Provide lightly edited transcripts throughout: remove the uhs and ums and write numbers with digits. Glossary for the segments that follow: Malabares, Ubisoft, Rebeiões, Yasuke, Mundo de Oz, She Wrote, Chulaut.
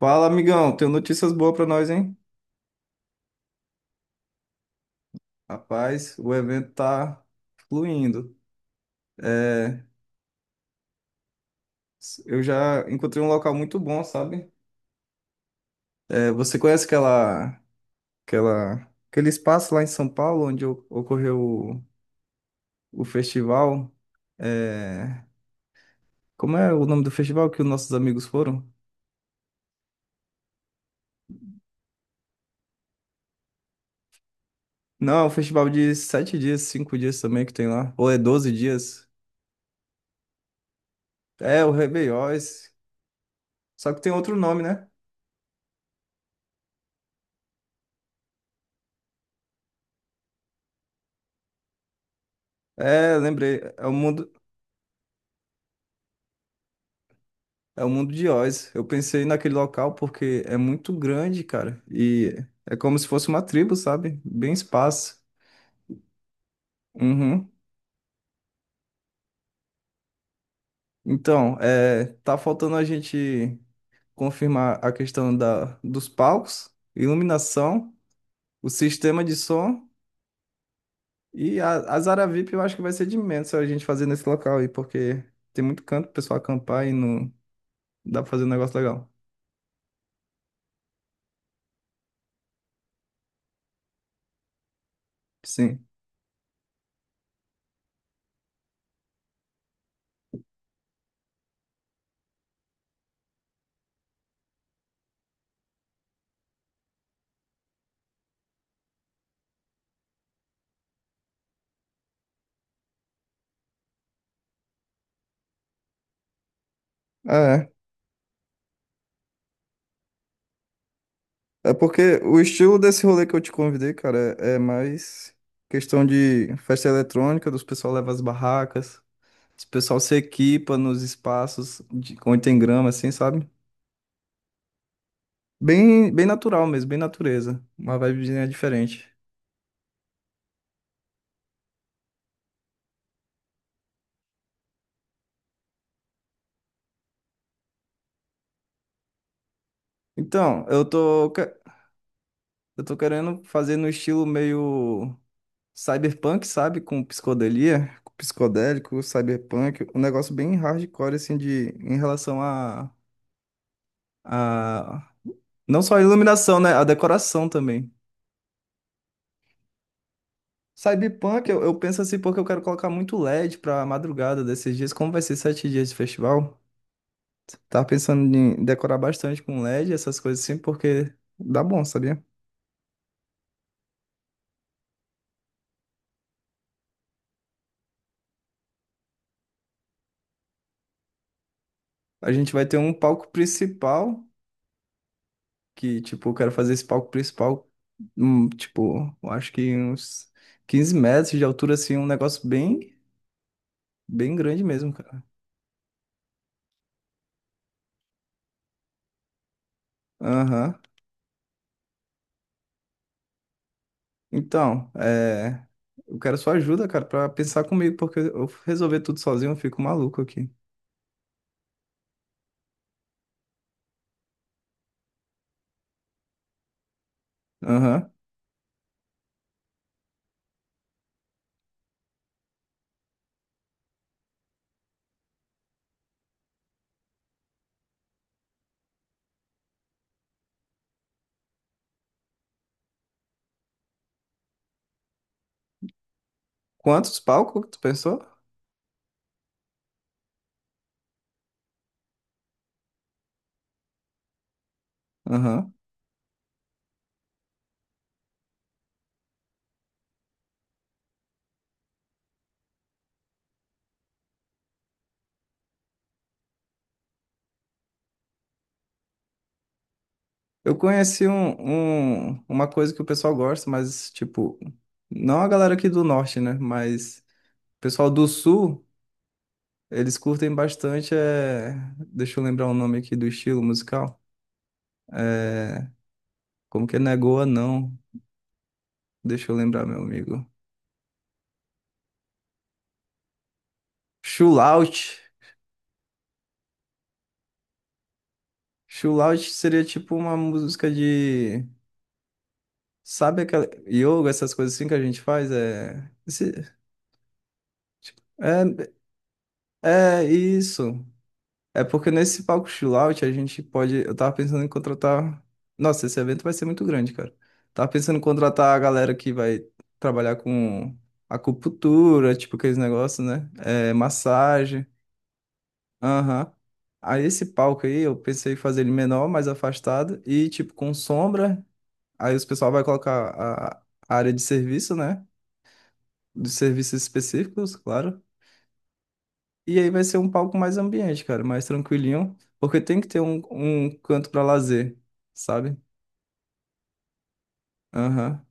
Fala, amigão. Tenho notícias boas pra nós, hein? Rapaz, o evento tá fluindo. É, eu já encontrei um local muito bom, sabe? Você conhece aquela, aquela, aquele espaço lá em São Paulo onde ocorreu o festival? É, Como é o nome do festival que os nossos amigos foram? Não, é um festival de 7 dias, 5 dias também que tem lá. Ou é 12 dias? É o Rebeiões. Só que tem outro nome, né? É, lembrei. É o mundo de Oz. Eu pensei naquele local porque é muito grande, cara. E é como se fosse uma tribo, sabe? Bem espaço. Uhum. Então, é, tá faltando a gente confirmar a questão dos palcos, iluminação, o sistema de som e a Zara VIP eu acho que vai ser de menos a gente fazer nesse local aí, porque tem muito canto pro pessoal acampar e não dá pra fazer um negócio legal. Sim, é. É porque o estilo desse rolê que eu te convidei, cara, é mais questão de festa eletrônica, dos pessoal leva as barracas, os pessoal se equipa nos espaços de, onde tem grama, assim, sabe? Bem, bem natural mesmo, bem natureza, uma vibezinha diferente. Então, eu tô querendo fazer no estilo meio cyberpunk, sabe? Com psicodelia, com psicodélico, cyberpunk, um negócio bem hardcore, assim, de, em relação a a- Não só a iluminação, né? A decoração também. Cyberpunk, eu penso assim porque eu quero colocar muito LED pra madrugada desses dias. Como vai ser 7 dias de festival? Tava pensando em decorar bastante com LED, essas coisas assim, porque dá bom, sabia? A gente vai ter um palco principal, que, tipo, eu quero fazer esse palco principal, tipo, eu acho que uns 15 metros de altura, assim, um negócio bem, bem grande mesmo, cara. Aham. Então, é, eu quero sua ajuda, cara, pra pensar comigo, porque eu resolver tudo sozinho, eu fico maluco aqui. Aham. Quantos palcos que tu pensou? Aham. Eu conheci uma coisa que o pessoal gosta, mas, tipo, não a galera aqui do norte, né? Mas o pessoal do sul, eles curtem bastante. É... Deixa eu lembrar o nome aqui do estilo musical. Como que é Negoa, não? Deixa eu lembrar, meu amigo. Chulaut. Chulaut seria tipo uma música de. Sabe aquela yoga, essas coisas assim que a gente faz? É, tipo, é, é isso. É porque nesse palco chill out a gente pode. Eu tava pensando em contratar. Nossa, esse evento vai ser muito grande, cara. Tava pensando em contratar a galera que vai trabalhar com acupuntura, tipo aqueles negócios, né? É, massagem. Aham. Aí esse palco aí eu pensei em fazer ele menor, mais afastado e tipo com sombra. Aí os pessoal vai colocar a a área de serviço, né? Dos serviços específicos, claro. E aí vai ser um palco mais ambiente, cara, mais tranquilinho, porque tem que ter um canto para lazer, sabe? Aham,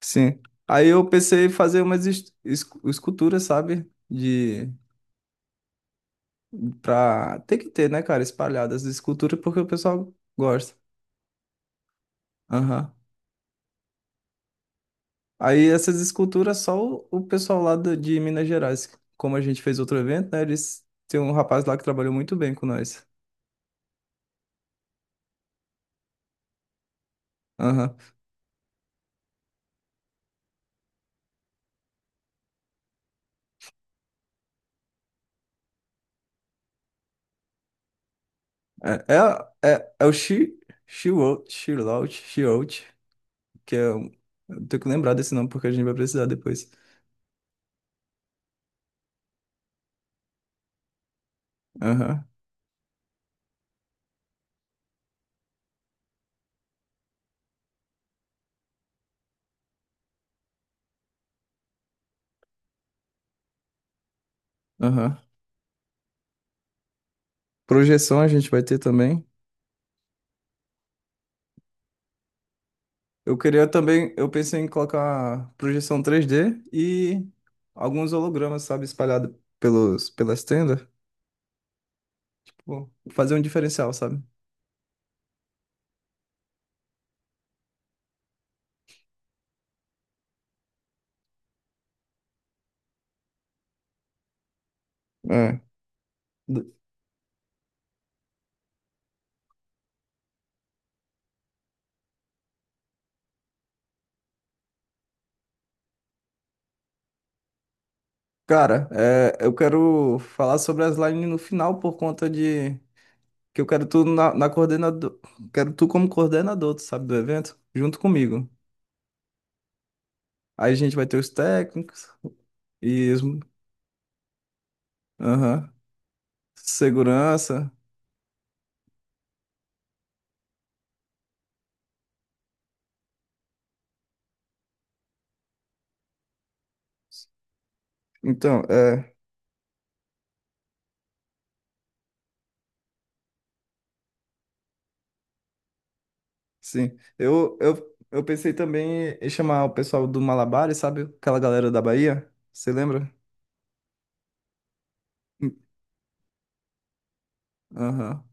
sim. Aí eu pensei em fazer esculturas, sabe? Tem que ter, né, cara, espalhadas de escultura, porque o pessoal gosta. Aham. Aí essas esculturas, só o pessoal lá de Minas Gerais, como a gente fez outro evento, né, eles, tem um rapaz lá que trabalhou muito bem com nós. Aham. É, é o She Wrote, que é. Eu tenho que lembrar desse nome porque a gente vai precisar depois. Aham, aham. Projeção a gente vai ter também. Eu queria também. Eu pensei em colocar projeção 3D e alguns hologramas, sabe, espalhados pelas tendas. Pô, fazer um diferencial, sabe? É. Do- Cara, eu quero falar sobre as lines no final por conta de. Que eu quero tu na coordenador. Quero tu como coordenador, tu sabe, do evento, junto comigo. Aí a gente vai ter os técnicos e aham, segurança. Então, é, sim. Eu pensei também em chamar o pessoal do Malabares, sabe? Aquela galera da Bahia. Você lembra? Hum, Aham.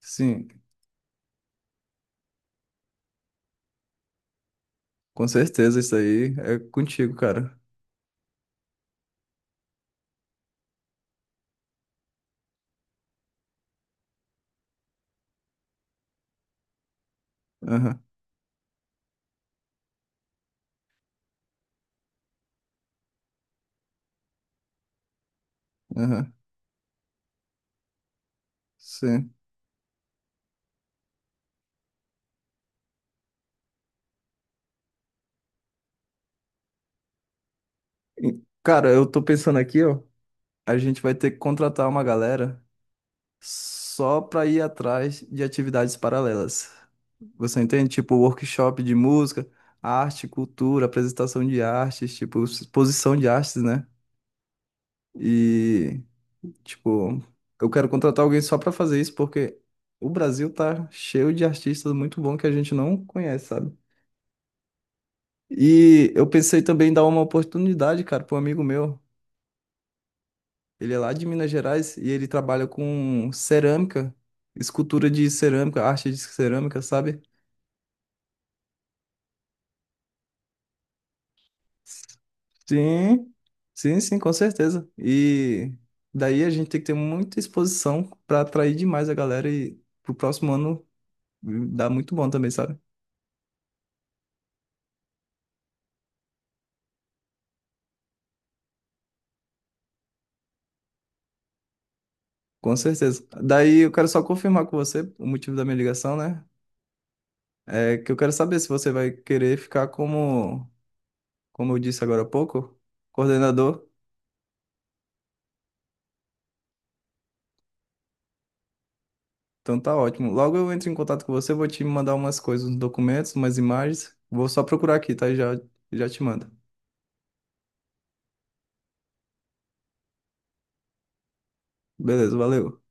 Sim, com certeza isso aí é contigo, cara. Aham, aham. Sim. E, cara, eu tô pensando aqui, ó. A gente vai ter que contratar uma galera só para ir atrás de atividades paralelas. Você entende? Tipo, workshop de música, arte, cultura, apresentação de artes, tipo, exposição de artes, né? E, tipo, eu quero contratar alguém só para fazer isso, porque o Brasil tá cheio de artistas muito bons que a gente não conhece, sabe? E eu pensei também em dar uma oportunidade, cara, para um amigo meu. Ele é lá de Minas Gerais e ele trabalha com cerâmica, escultura de cerâmica, arte de cerâmica, sabe? Sim, sim, sim, com certeza. E daí a gente tem que ter muita exposição para atrair demais a galera e pro próximo ano dá muito bom também, sabe? Com certeza. Daí eu quero só confirmar com você o motivo da minha ligação, né? É que eu quero saber se você vai querer ficar como, como eu disse agora há pouco, coordenador. Então tá ótimo. Logo eu entro em contato com você, vou te mandar umas coisas, uns documentos, umas imagens. Vou só procurar aqui, tá? E já, já te mando. Beleza, valeu.